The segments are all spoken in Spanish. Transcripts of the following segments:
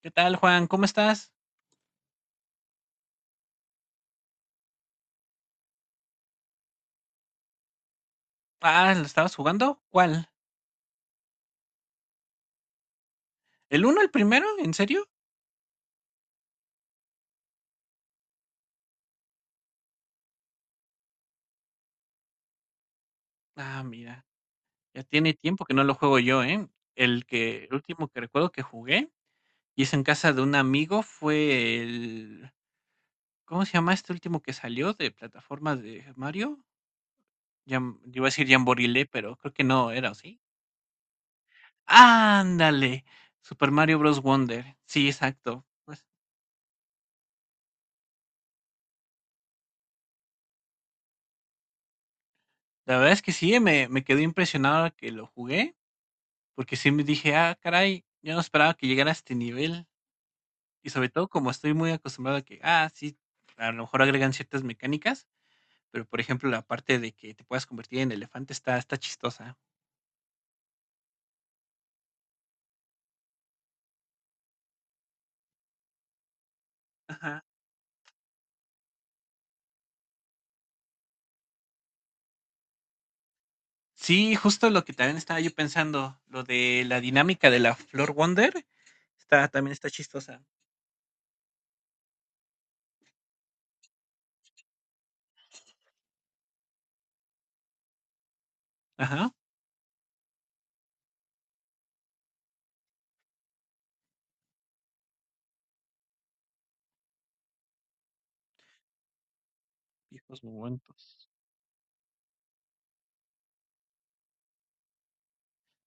¿Qué tal, Juan? ¿Cómo estás? Ah, ¿lo estabas jugando? ¿Cuál? ¿El uno, el primero? ¿En serio? Ah, mira, ya tiene tiempo que no lo juego yo, ¿eh? El último que recuerdo que jugué, y es en casa de un amigo, fue el. ¿Cómo se llama este último que salió de plataformas de Mario? Iba a decir Jamborilé, pero creo que no era, ¿o sí? ¡Ándale! Super Mario Bros. Wonder. Sí, exacto. Pues la verdad es que sí, me quedé impresionado que lo jugué. Porque sí me dije: "Ah, caray, yo no esperaba que llegara a este nivel". Y sobre todo, como estoy muy acostumbrado a que, sí, a lo mejor agregan ciertas mecánicas, pero, por ejemplo, la parte de que te puedas convertir en elefante está chistosa. Ajá. Sí, justo lo que también estaba yo pensando, lo de la dinámica de la Flor Wonder está también está chistosa. Ajá. Viejos momentos.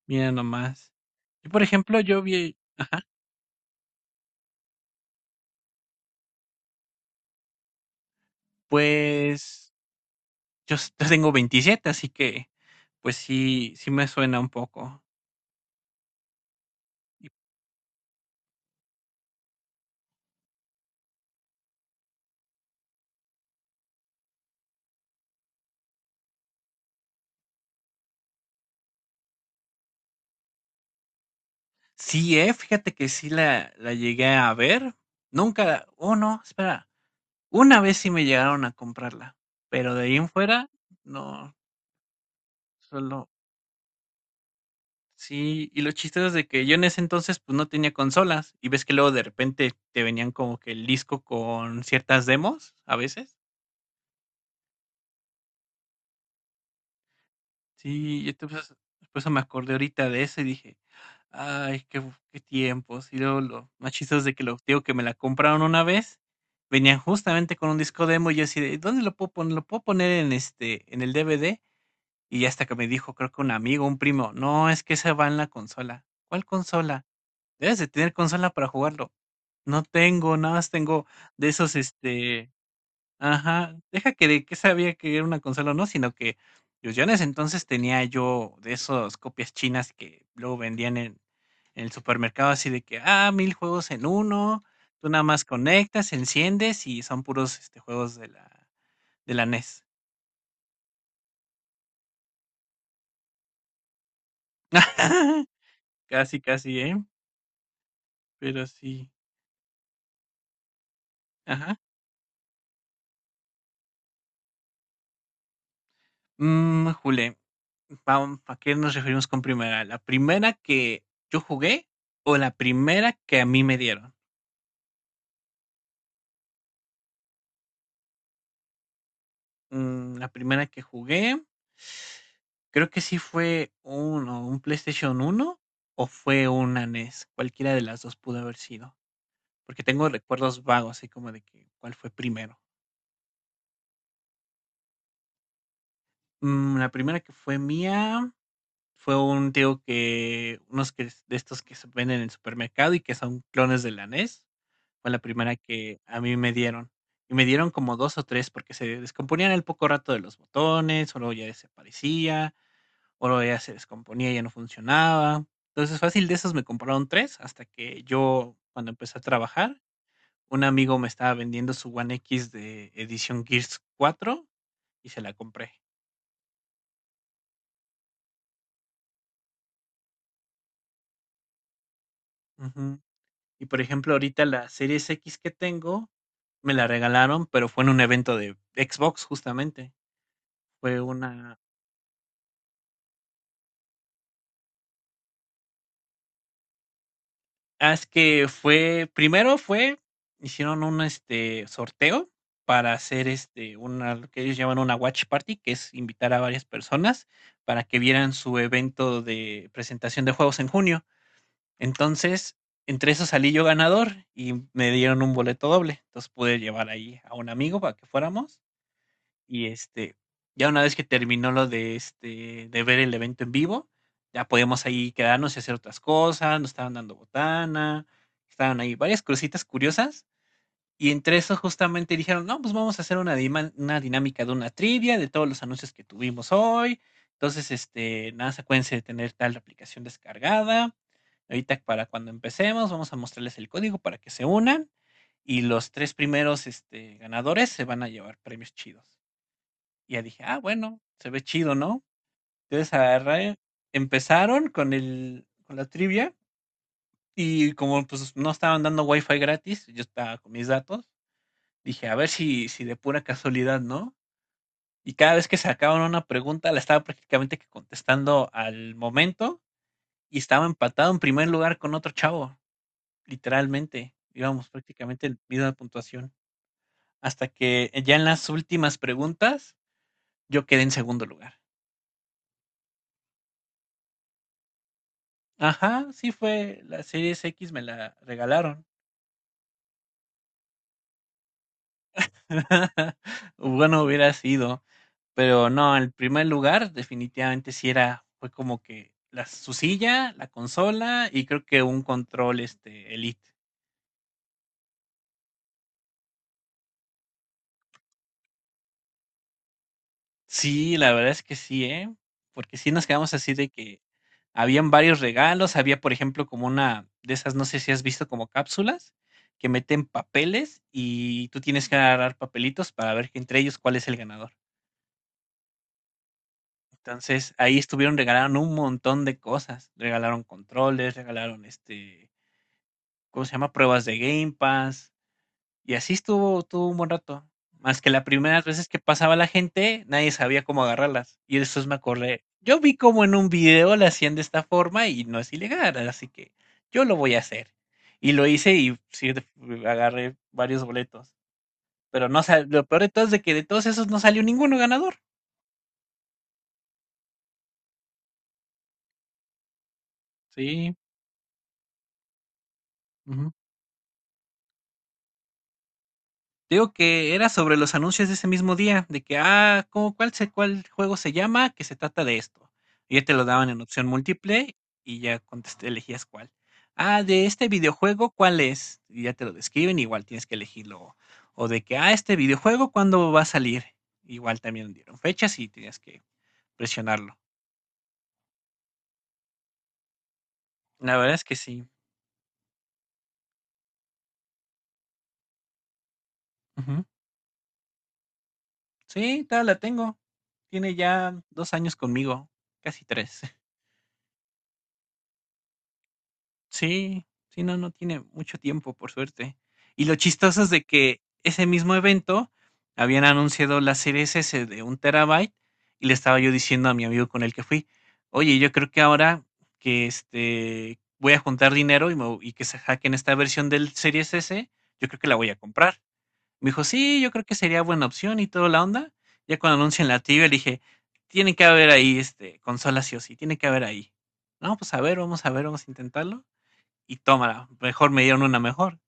Mira nomás. Yo, por ejemplo, yo vi, ajá. Pues yo tengo 27, así que pues sí, sí me suena un poco. Y sí, fíjate que sí la llegué a ver. Nunca, oh, no, espera, una vez sí me llegaron a comprarla, pero de ahí en fuera, no, solo. Sí, y lo chistoso es de que yo en ese entonces, pues, no tenía consolas, y ves que luego de repente te venían como que el disco con ciertas demos, a veces. Sí, yo entonces, pues me acordé ahorita de eso y dije: "Ay, qué qué tiempos". Y luego lo más chistoso es de que lo digo que me la compraron una vez, venían justamente con un disco demo y yo así de: "¿Dónde lo puedo poner? ¿Lo puedo poner en, en el DVD?". Y ya hasta que me dijo, creo que un amigo, un primo: "No, es que esa va en la consola". "¿Cuál consola?". "Debes de tener consola para jugarlo". "No tengo, nada más tengo de esos, ajá, deja que de qué sabía que era una consola o no, sino que pues yo en ese entonces tenía yo de esos copias chinas que luego vendían en el supermercado, así de que, 1000 juegos en uno, tú nada más conectas, enciendes y son puros, juegos de la NES. Casi, casi, ¿eh? Pero sí. Ajá. Jule, vam ¿a qué nos referimos con primera? ¿La primera que yo jugué o la primera que a mí me dieron? La primera que jugué, creo que sí fue un, o un PlayStation uno o fue una NES. Cualquiera de las dos pudo haber sido. Porque tengo recuerdos vagos, así como de que cuál fue primero. La primera que fue mía fue un tío que, unos que, de estos que se venden en el supermercado y que son clones de la NES. Fue la primera que a mí me dieron. Y me dieron como dos o tres porque se descomponían al poco rato de los botones, o luego ya desaparecía o luego ya se descomponía, ya no funcionaba. Entonces, fácil de esos me compraron tres hasta que yo, cuando empecé a trabajar, un amigo me estaba vendiendo su One X de edición Gears 4 y se la compré. Ujú. Y por ejemplo, ahorita la Series X que tengo, me la regalaron, pero fue en un evento de Xbox justamente. Fue una. Ah, es que fue, primero fue, hicieron un sorteo para hacer una, lo que ellos llaman una watch party, que es invitar a varias personas para que vieran su evento de presentación de juegos en junio. Entonces, entre eso salí yo ganador y me dieron un boleto doble. Entonces pude llevar ahí a un amigo para que fuéramos y ya una vez que terminó lo de de ver el evento en vivo, ya podíamos ahí quedarnos y hacer otras cosas, nos estaban dando botana, estaban ahí varias cositas curiosas. Y entre eso justamente dijeron: "No, pues vamos a hacer una, una dinámica de una trivia de todos los anuncios que tuvimos hoy". Entonces, nada, se acuérdense de tener tal aplicación descargada. Ahorita para cuando empecemos, vamos a mostrarles el código para que se unan. Y los tres primeros, ganadores se van a llevar premios chidos. Y ya dije: "Ah, bueno, se ve chido, ¿no?". Entonces agarré, empezaron con el con la trivia y como pues no estaban dando wifi gratis, yo estaba con mis datos, dije: "A ver si de pura casualidad, ¿no?". Y cada vez que sacaban una pregunta, la estaba prácticamente que contestando al momento y estaba empatado en primer lugar con otro chavo, literalmente. Íbamos prácticamente en misma puntuación, hasta que ya en las últimas preguntas yo quedé en segundo lugar. Ajá, sí fue la Series X, me la regalaron. Bueno, hubiera sido, pero no, el primer lugar definitivamente sí era, fue como que la, su silla, la consola y creo que un control Elite. Sí, la verdad es que sí, ¿eh? Porque sí nos quedamos así de que habían varios regalos, había por ejemplo como una de esas, no sé si has visto como cápsulas que meten papeles y tú tienes que agarrar papelitos para ver que entre ellos cuál es el ganador. Entonces, ahí estuvieron, regalaron un montón de cosas. Regalaron controles, regalaron ¿cómo se llama? Pruebas de Game Pass. Y así estuvo, estuvo un buen rato. Más que las primeras veces que pasaba la gente, nadie sabía cómo agarrarlas. Y después me acordé. Yo vi como en un video la hacían de esta forma y no es ilegal, así que yo lo voy a hacer. Y lo hice y sí, agarré varios boletos. Pero no lo peor de todo es de que de todos esos no salió ninguno ganador. Sí. Ujú. Digo que era sobre los anuncios de ese mismo día, de que, ah, ¿cómo, cuál, cuál juego se llama? Que se trata de esto. Y ya te lo daban en opción múltiple y ya contesté, elegías cuál. Ah, de este videojuego, ¿cuál es? Y ya te lo describen, igual tienes que elegirlo. O de que, ah, este videojuego, ¿cuándo va a salir? Igual también dieron fechas y tenías que presionarlo. La verdad es que sí. Ujú. Sí, todavía la tengo. Tiene ya 2 años conmigo, casi tres. Sí, sí, no, no tiene mucho tiempo, por suerte. Y lo chistoso es de que ese mismo evento habían anunciado la serie S de 1 TB y le estaba yo diciendo a mi amigo con el que fui: "Oye, yo creo que ahora que voy a juntar dinero y, y que se hackeen esta versión del Series S, yo creo que la voy a comprar". Me dijo: "Sí, yo creo que sería buena opción y toda la onda". Ya cuando anuncian la tibia, le dije: "Tiene que haber ahí consola sí o sí, tiene que haber ahí". "No, pues a ver, vamos a ver, vamos a intentarlo". Y tómala, mejor me dieron una mejor.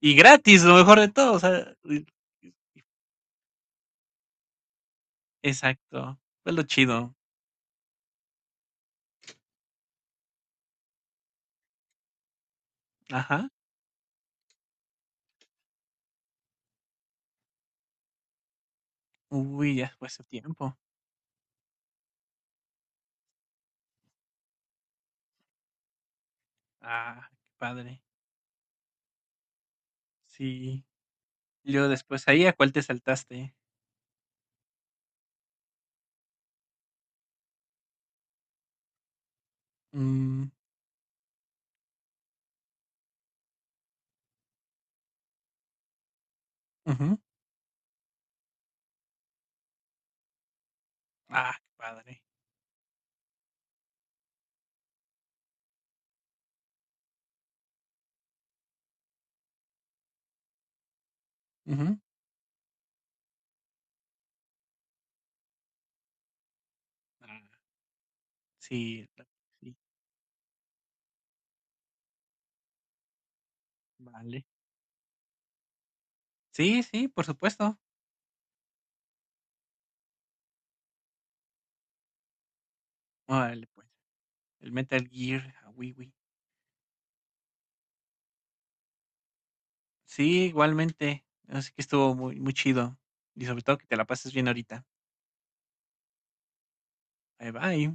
Y gratis, lo mejor de todo, o sea, exacto, fue lo chido. Ajá. Uy, ya fue hace tiempo. Ah, qué padre. Sí. Y luego después ahí, ¿a cuál te saltaste? Mm. Ujú. Ah, qué padre. Ujú. Ah, sí, la. Sí, vale. Sí, sí, por supuesto. Órale, pues. El Metal Gear, a Wii. Sí, igualmente. Así que estuvo muy, muy chido. Y sobre todo que te la pases bien ahorita. Bye bye.